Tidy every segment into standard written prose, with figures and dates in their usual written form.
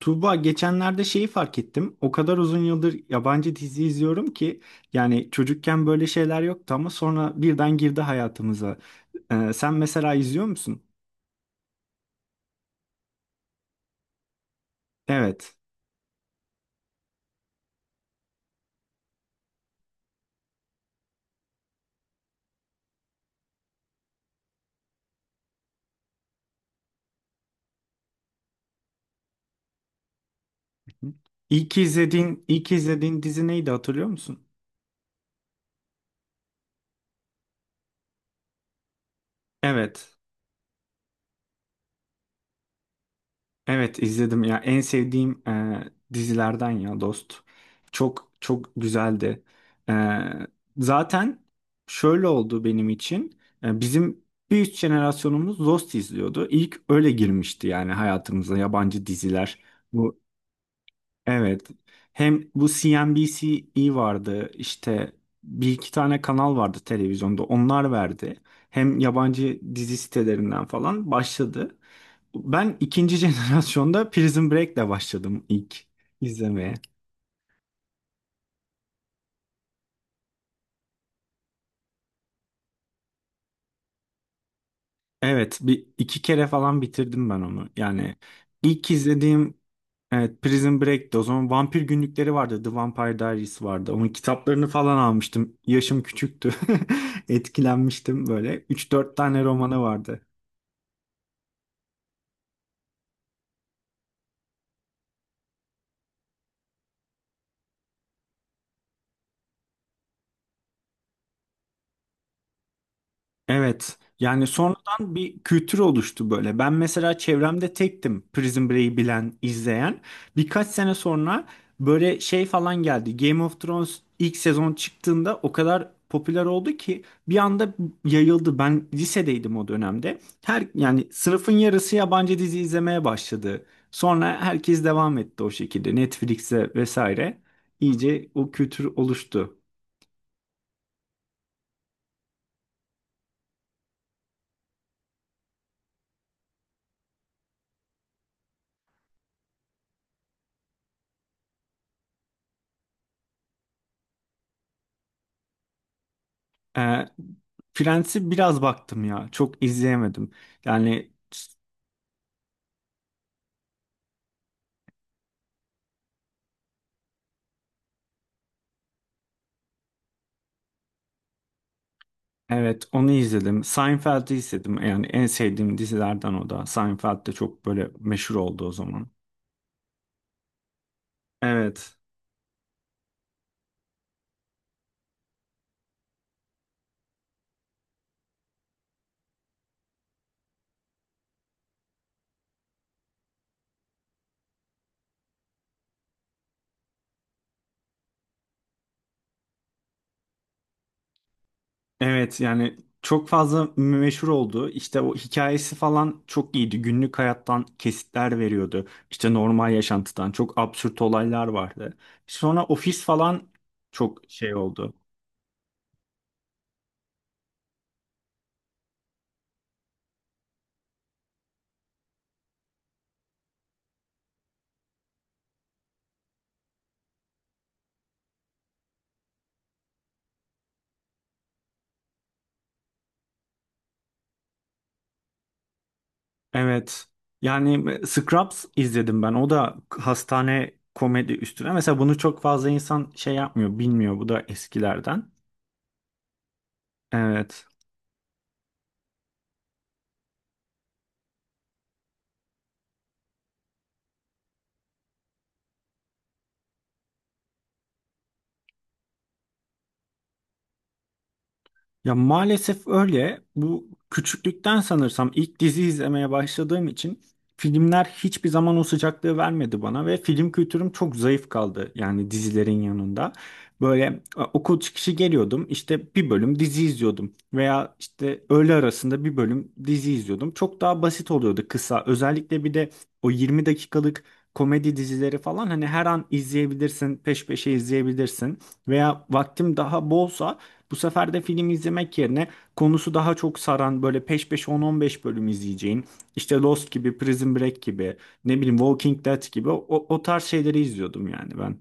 Tuğba, geçenlerde şeyi fark ettim. O kadar uzun yıldır yabancı dizi izliyorum ki yani çocukken böyle şeyler yoktu ama sonra birden girdi hayatımıza. Sen mesela izliyor musun? Evet. Hı hı. İlk izlediğin dizi neydi, hatırlıyor musun? Evet. Evet, izledim ya, en sevdiğim dizilerden ya, Dost. Çok çok güzeldi. E, Zaten şöyle oldu benim için. Bizim bir üst jenerasyonumuz Dost izliyordu. İlk öyle girmişti yani hayatımıza yabancı diziler. Bu evet. Hem bu CNBC vardı, işte bir iki tane kanal vardı televizyonda, onlar verdi. Hem yabancı dizi sitelerinden falan başladı. Ben ikinci jenerasyonda Prison Break'le başladım ilk izlemeye. Evet, bir iki kere falan bitirdim ben onu. Yani ilk izlediğim, evet, Prison Break'ti. O zaman Vampir Günlükleri vardı. The Vampire Diaries vardı. Onun kitaplarını falan almıştım. Yaşım küçüktü. Etkilenmiştim böyle. Üç dört tane romanı vardı. Evet. Yani sonradan bir kültür oluştu böyle. Ben mesela çevremde tektim Prison Break'i bilen, izleyen. Birkaç sene sonra böyle şey falan geldi. Game of Thrones ilk sezon çıktığında o kadar popüler oldu ki bir anda yayıldı. Ben lisedeydim o dönemde. Yani sınıfın yarısı yabancı dizi izlemeye başladı. Sonra herkes devam etti o şekilde Netflix'e vesaire. İyice o kültür oluştu. E, Friends'i biraz baktım ya. Çok izleyemedim. Yani evet, onu izledim. Seinfeld'i izledim. Yani en sevdiğim dizilerden o da. Seinfeld de çok böyle meşhur oldu o zaman. Evet. Evet yani çok fazla meşhur oldu. İşte o hikayesi falan çok iyiydi. Günlük hayattan kesitler veriyordu. İşte normal yaşantıdan çok absürt olaylar vardı. Sonra Ofis falan çok şey oldu. Evet. Yani Scrubs izledim ben. O da hastane komedi üstüne. Mesela bunu çok fazla insan şey yapmıyor, bilmiyor. Bu da eskilerden. Evet. Ya, maalesef öyle. Bu küçüklükten sanırsam ilk dizi izlemeye başladığım için filmler hiçbir zaman o sıcaklığı vermedi bana ve film kültürüm çok zayıf kaldı yani dizilerin yanında. Böyle okul çıkışı geliyordum, işte bir bölüm dizi izliyordum veya işte öğle arasında bir bölüm dizi izliyordum. Çok daha basit oluyordu, kısa. Özellikle bir de o 20 dakikalık komedi dizileri falan, hani her an izleyebilirsin, peş peşe izleyebilirsin, veya vaktim daha bolsa bu sefer de film izlemek yerine konusu daha çok saran böyle peş peşe 10-15 bölüm izleyeceğin, işte Lost gibi, Prison Break gibi, ne bileyim Walking Dead gibi o tarz şeyleri izliyordum yani ben.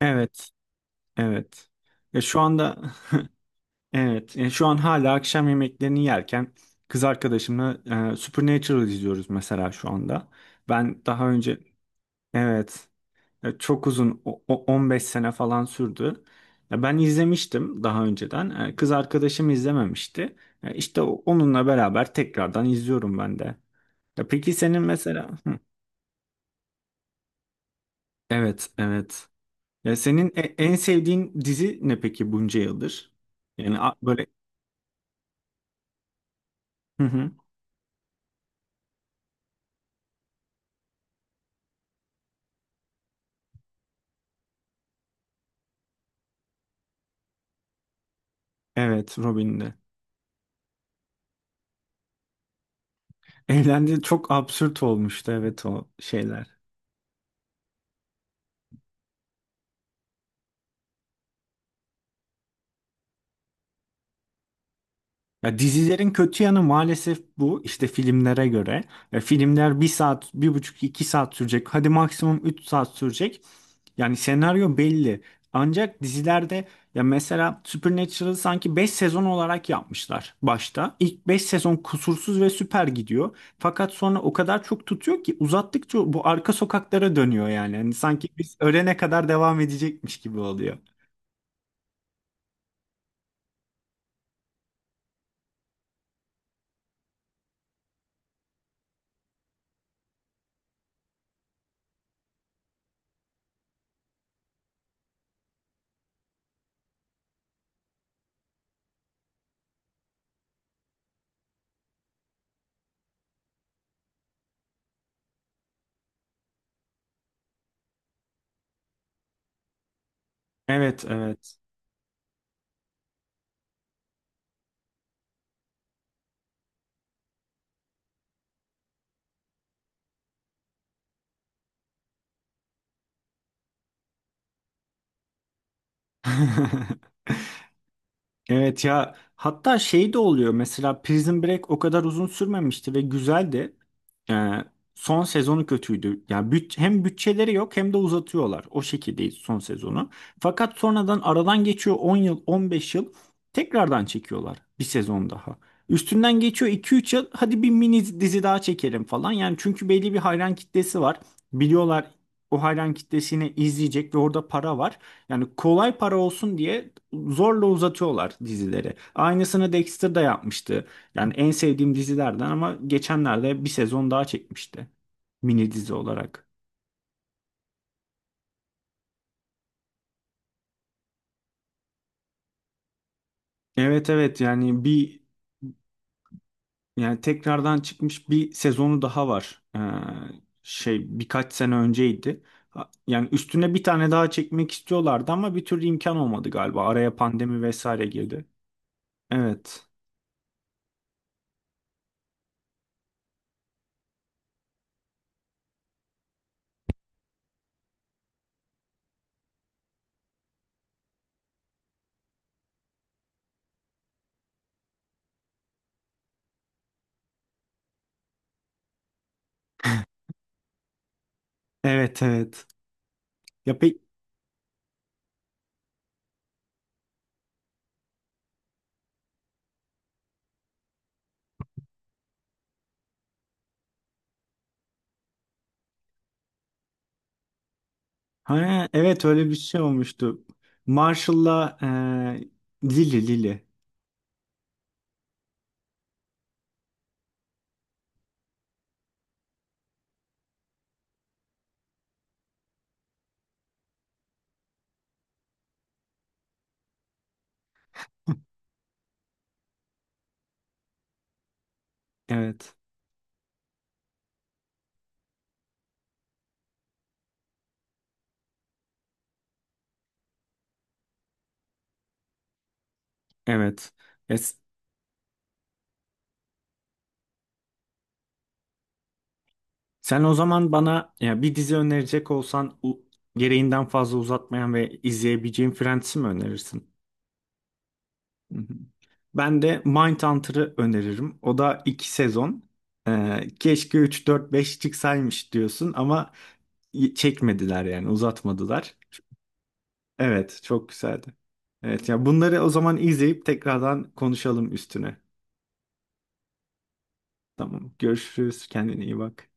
Evet, evet. Ya, şu anda evet, ya şu an hala akşam yemeklerini yerken kız arkadaşımla Supernatural izliyoruz mesela şu anda. Ben daha önce, evet. Ya, çok uzun, 15 sene falan sürdü. Ya, ben izlemiştim daha önceden. Kız arkadaşım izlememişti. İşte onunla beraber tekrardan izliyorum ben de. Ya peki senin mesela, hı. Evet, evet. Ya, senin en sevdiğin dizi ne peki bunca yıldır? Yani böyle, hı hı. Evet, Robin'de. Eğlendi, çok absürt olmuştu, evet, o şeyler. Ya, dizilerin kötü yanı maalesef bu, işte filmlere göre. Ya, filmler bir saat, bir buçuk, iki saat sürecek. Hadi maksimum üç saat sürecek. Yani senaryo belli. Ancak dizilerde, ya mesela Supernatural'ı sanki 5 sezon olarak yapmışlar başta. İlk 5 sezon kusursuz ve süper gidiyor. Fakat sonra o kadar çok tutuyor ki, uzattıkça bu arka sokaklara dönüyor yani. Hani sanki biz ölene kadar devam edecekmiş gibi oluyor. Evet, evet. Evet ya, hatta şey de oluyor mesela, Prison Break o kadar uzun sürmemişti ve güzeldi. Ee, Son sezonu kötüydü. Yani hem bütçeleri yok hem de uzatıyorlar. O şekilde son sezonu. Fakat sonradan aradan geçiyor 10 yıl 15 yıl, tekrardan çekiyorlar bir sezon daha. Üstünden geçiyor 2-3 yıl, hadi bir mini dizi daha çekelim falan. Yani çünkü belli bir hayran kitlesi var. Biliyorlar o hayran kitlesini izleyecek ve orada para var. Yani kolay para olsun diye zorla uzatıyorlar dizileri. Aynısını Dexter da yapmıştı. Yani en sevdiğim dizilerden, ama geçenlerde bir sezon daha çekmişti. Mini dizi olarak. Evet, evet, yani bir, yani tekrardan çıkmış bir sezonu daha var. Şey, birkaç sene önceydi. Yani üstüne bir tane daha çekmek istiyorlardı ama bir türlü imkan olmadı galiba. Araya pandemi vesaire girdi. Evet. Evet, evet. Ya peki Ha, evet, öyle bir şey olmuştu. Marshall'la Lily. Evet. Evet. Ya, sen o zaman bana, ya, bir dizi önerecek olsan, gereğinden fazla uzatmayan ve izleyebileceğim, Friends'i mi önerirsin? Hı hı. Ben de Mindhunter'ı öneririm. O da iki sezon. Keşke 3, 4, 5 çıksaymış diyorsun ama çekmediler yani, uzatmadılar. Evet, çok güzeldi. Evet ya, bunları o zaman izleyip tekrardan konuşalım üstüne. Tamam. Görüşürüz. Kendine iyi bak.